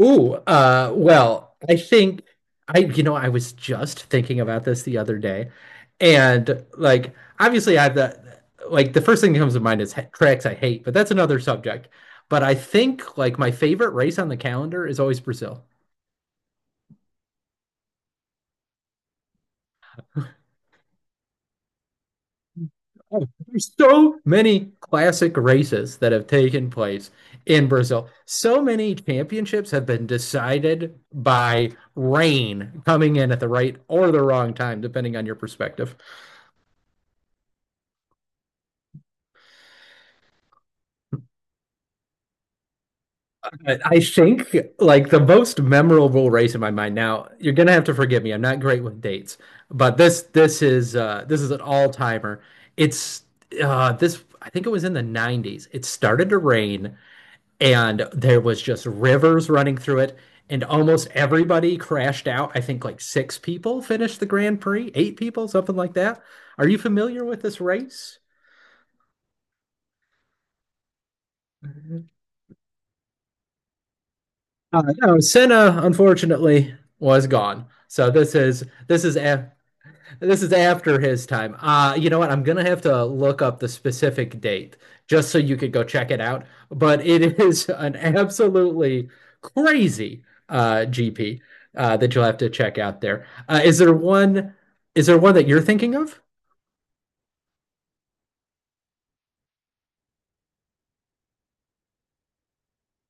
Well, I think I was just thinking about this the other day, and like, obviously, I have the like the first thing that comes to mind is tracks I hate, but that's another subject. But I think like my favorite race on the calendar is always Brazil. Oh, there's so many classic races that have taken place in Brazil. So many championships have been decided by rain coming in at the right or the wrong time, depending on your perspective. But I think like the most memorable race in my mind. Now, you're gonna have to forgive me. I'm not great with dates, but this this is an all-timer. It's this I think it was in the 90s. It started to rain and there was just rivers running through it and almost everybody crashed out. I think like six people finished the Grand Prix, eight people, something like that. Are you familiar with this race? Uh, no, Senna unfortunately was gone. This is after his time. You know what? I'm gonna have to look up the specific date just so you could go check it out. But it is an absolutely crazy GP that you'll have to check out there. Is there one that you're thinking of?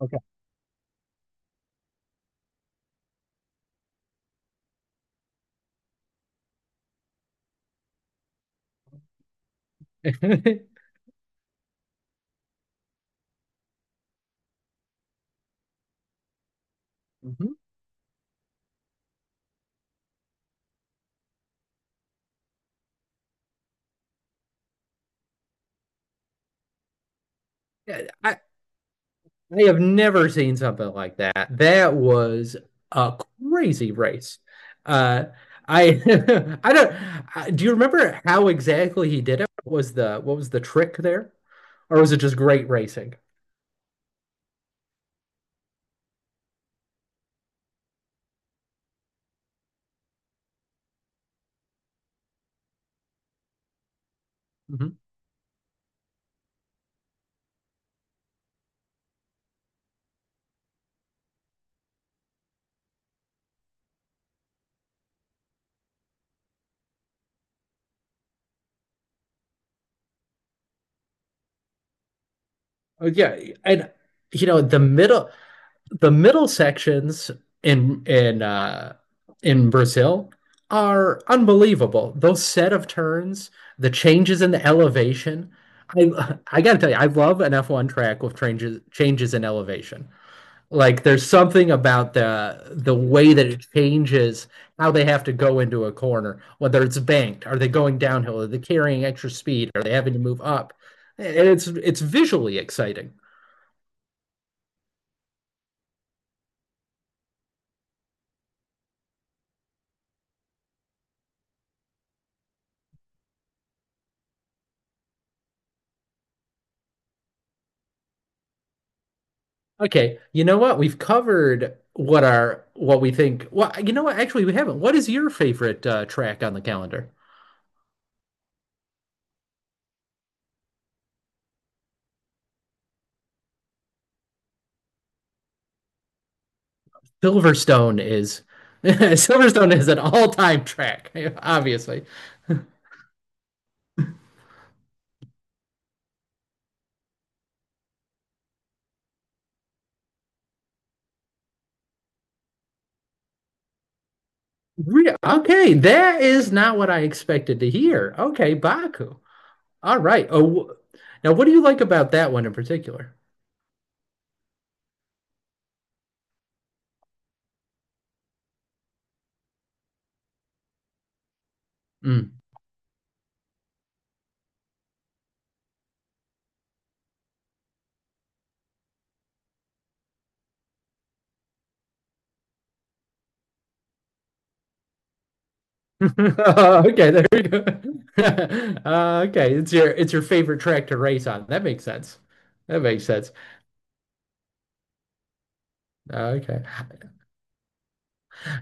Okay. I, Mhm. Yeah, I have never seen something like that. That was a crazy race. Uh, I I don't I, do you remember how exactly he did it? What was the trick there? Or was it just great racing? Mhm. Oh, yeah, and you know the middle sections in in uh, in Brazil are unbelievable. Those set of turns, the changes in the elevation. I gotta tell you, I love an F1 track with changes in elevation. Like there's something about the way that it changes how they have to go into a corner, whether it's banked, are they going downhill, are they carrying extra speed, are they having to move up? And it's visually exciting. Okay, you know what? We've covered what we think. Well, you know what? Actually, we haven't. What is your favorite track on the calendar? Silverstone is Silverstone is an all-time track, obviously. Okay, that is not what I expected to hear. Okay, Baku. All right. Oh, now what do you like about that one in particular? Mm. Okay, there we go. Okay, it's your favorite track to race on. That makes sense. That makes sense. Okay.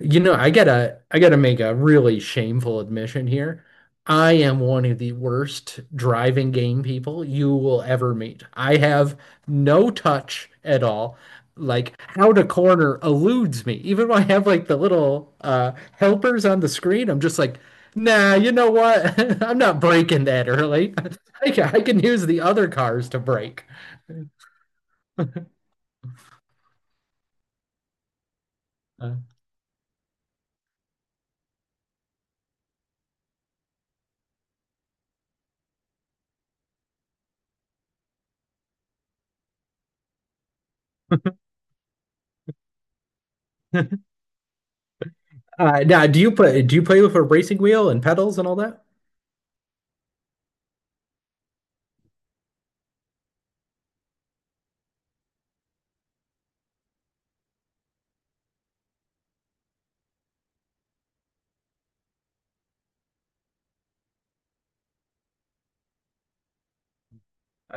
You know, I gotta make a really shameful admission here. I am one of the worst driving game people you will ever meet. I have no touch at all. Like how to corner eludes me. Even when I have like the little helpers on the screen, I'm just like, nah, you know what? I'm not braking that early. I can use the other cars to brake. Uh, now, Do you play with a racing wheel and pedals and all that?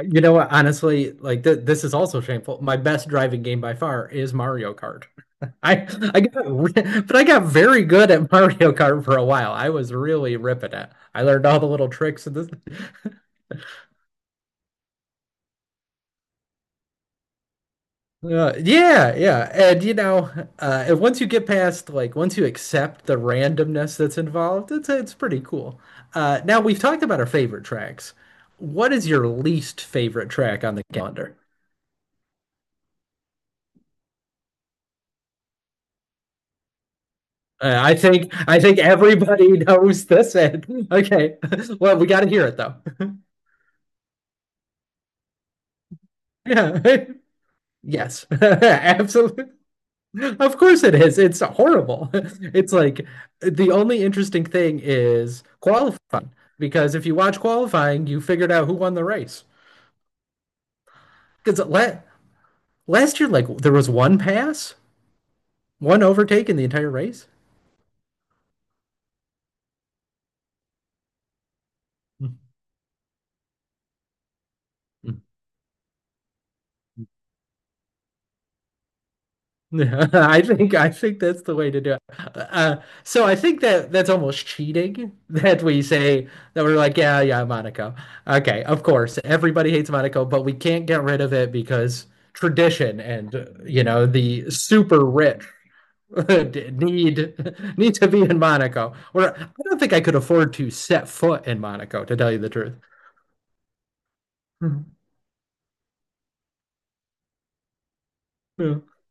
You know what? Honestly, like th this is also shameful. My best driving game by far is Mario Kart. I I got very good at Mario Kart for a while. I was really ripping it. I learned all the little tricks and this. Yeah, yeah, and you know, and once you get past like once you accept the randomness that's involved, it's pretty cool. Now we've talked about our favorite tracks. What is your least favorite track on the calendar? I think everybody knows this. Okay. Well, we got to hear it though. Yeah. Yes. Absolutely. Of course it is. It's horrible. It's like the only interesting thing is qualifying, because if you watch qualifying, you figured out who won the race. Because la Last year, like there was one pass, one overtake in the entire race. Mm. Yeah, I think that's the way to do it. Uh, so I think that that's almost cheating that we say that we're like, yeah, yeah, Monaco. Okay, of course, everybody hates Monaco, but we can't get rid of it because tradition and you know the super rich need need to be in Monaco. Or I don't think I could afford to set foot in Monaco, to tell you the truth. Mhm. Yeah.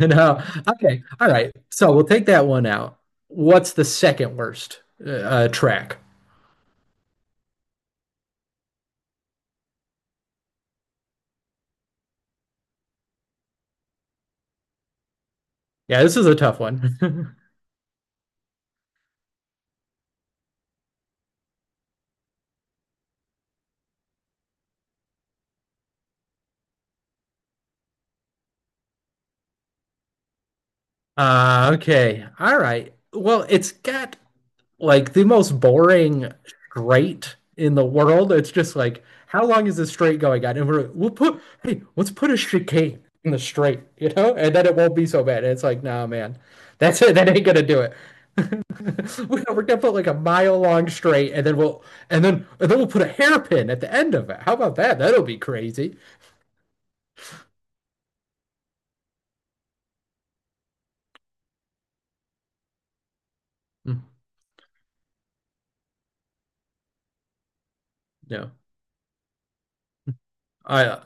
No. Okay. All right. So we'll take that one out. What's the second worst track? Yeah, this is a tough one. Okay. All right. Well, it's got like the most boring straight in the world. It's just like, how long is this straight going on? And we'll put, hey, let's put a chicane in the straight, you know, and then it won't be so bad. And it's like, nah, man, that's it. That ain't gonna do it. We're gonna put like a mile long straight, and then and then we'll put a hairpin at the end of it. How about that? That'll be crazy. Mm, No, I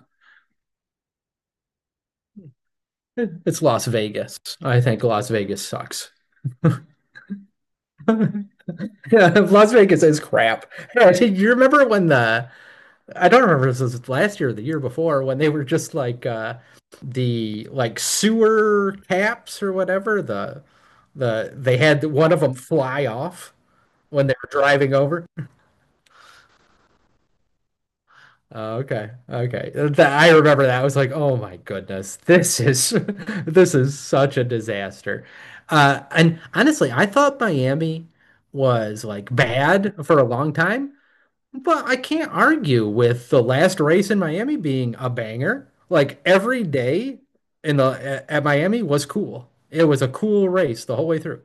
Eh, it's Las Vegas. I think Las Vegas sucks. Las Vegas is crap. do you remember when the I don't remember if this was last year or the year before when they were just like the like sewer caps or whatever the they had one of them fly off when they were driving over. Oh, okay. Okay. That I remember that. I was like, "Oh my goodness. This is this is such a disaster." Uh, and honestly, I thought Miami was like bad for a long time, but I can't argue with the last race in Miami being a banger. Like every day in the at Miami was cool. It was a cool race the whole way through.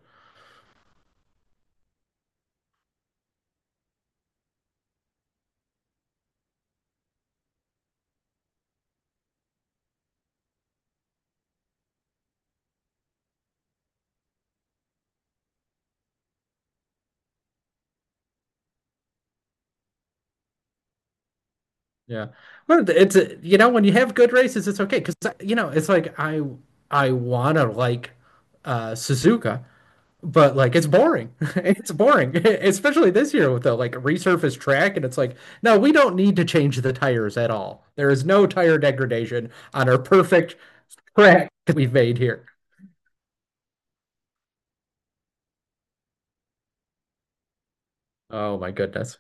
Yeah. Well, it's a, you know, when you have good races, it's okay because you know, it's like I wanna like Suzuka, but like it's boring. It's boring, especially this year with the like resurfaced track and it's like, no, we don't need to change the tires at all. There is no tire degradation on our perfect track that we've made here. Oh my goodness.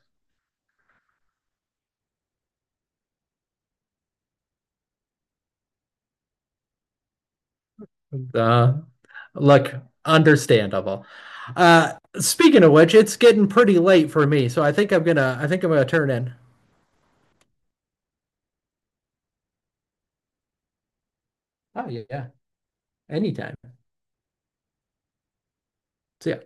Uh, look, understandable. Uh, speaking of which, it's getting pretty late for me, so I think I'm gonna turn in. Oh yeah, yeah. Anytime. So yeah,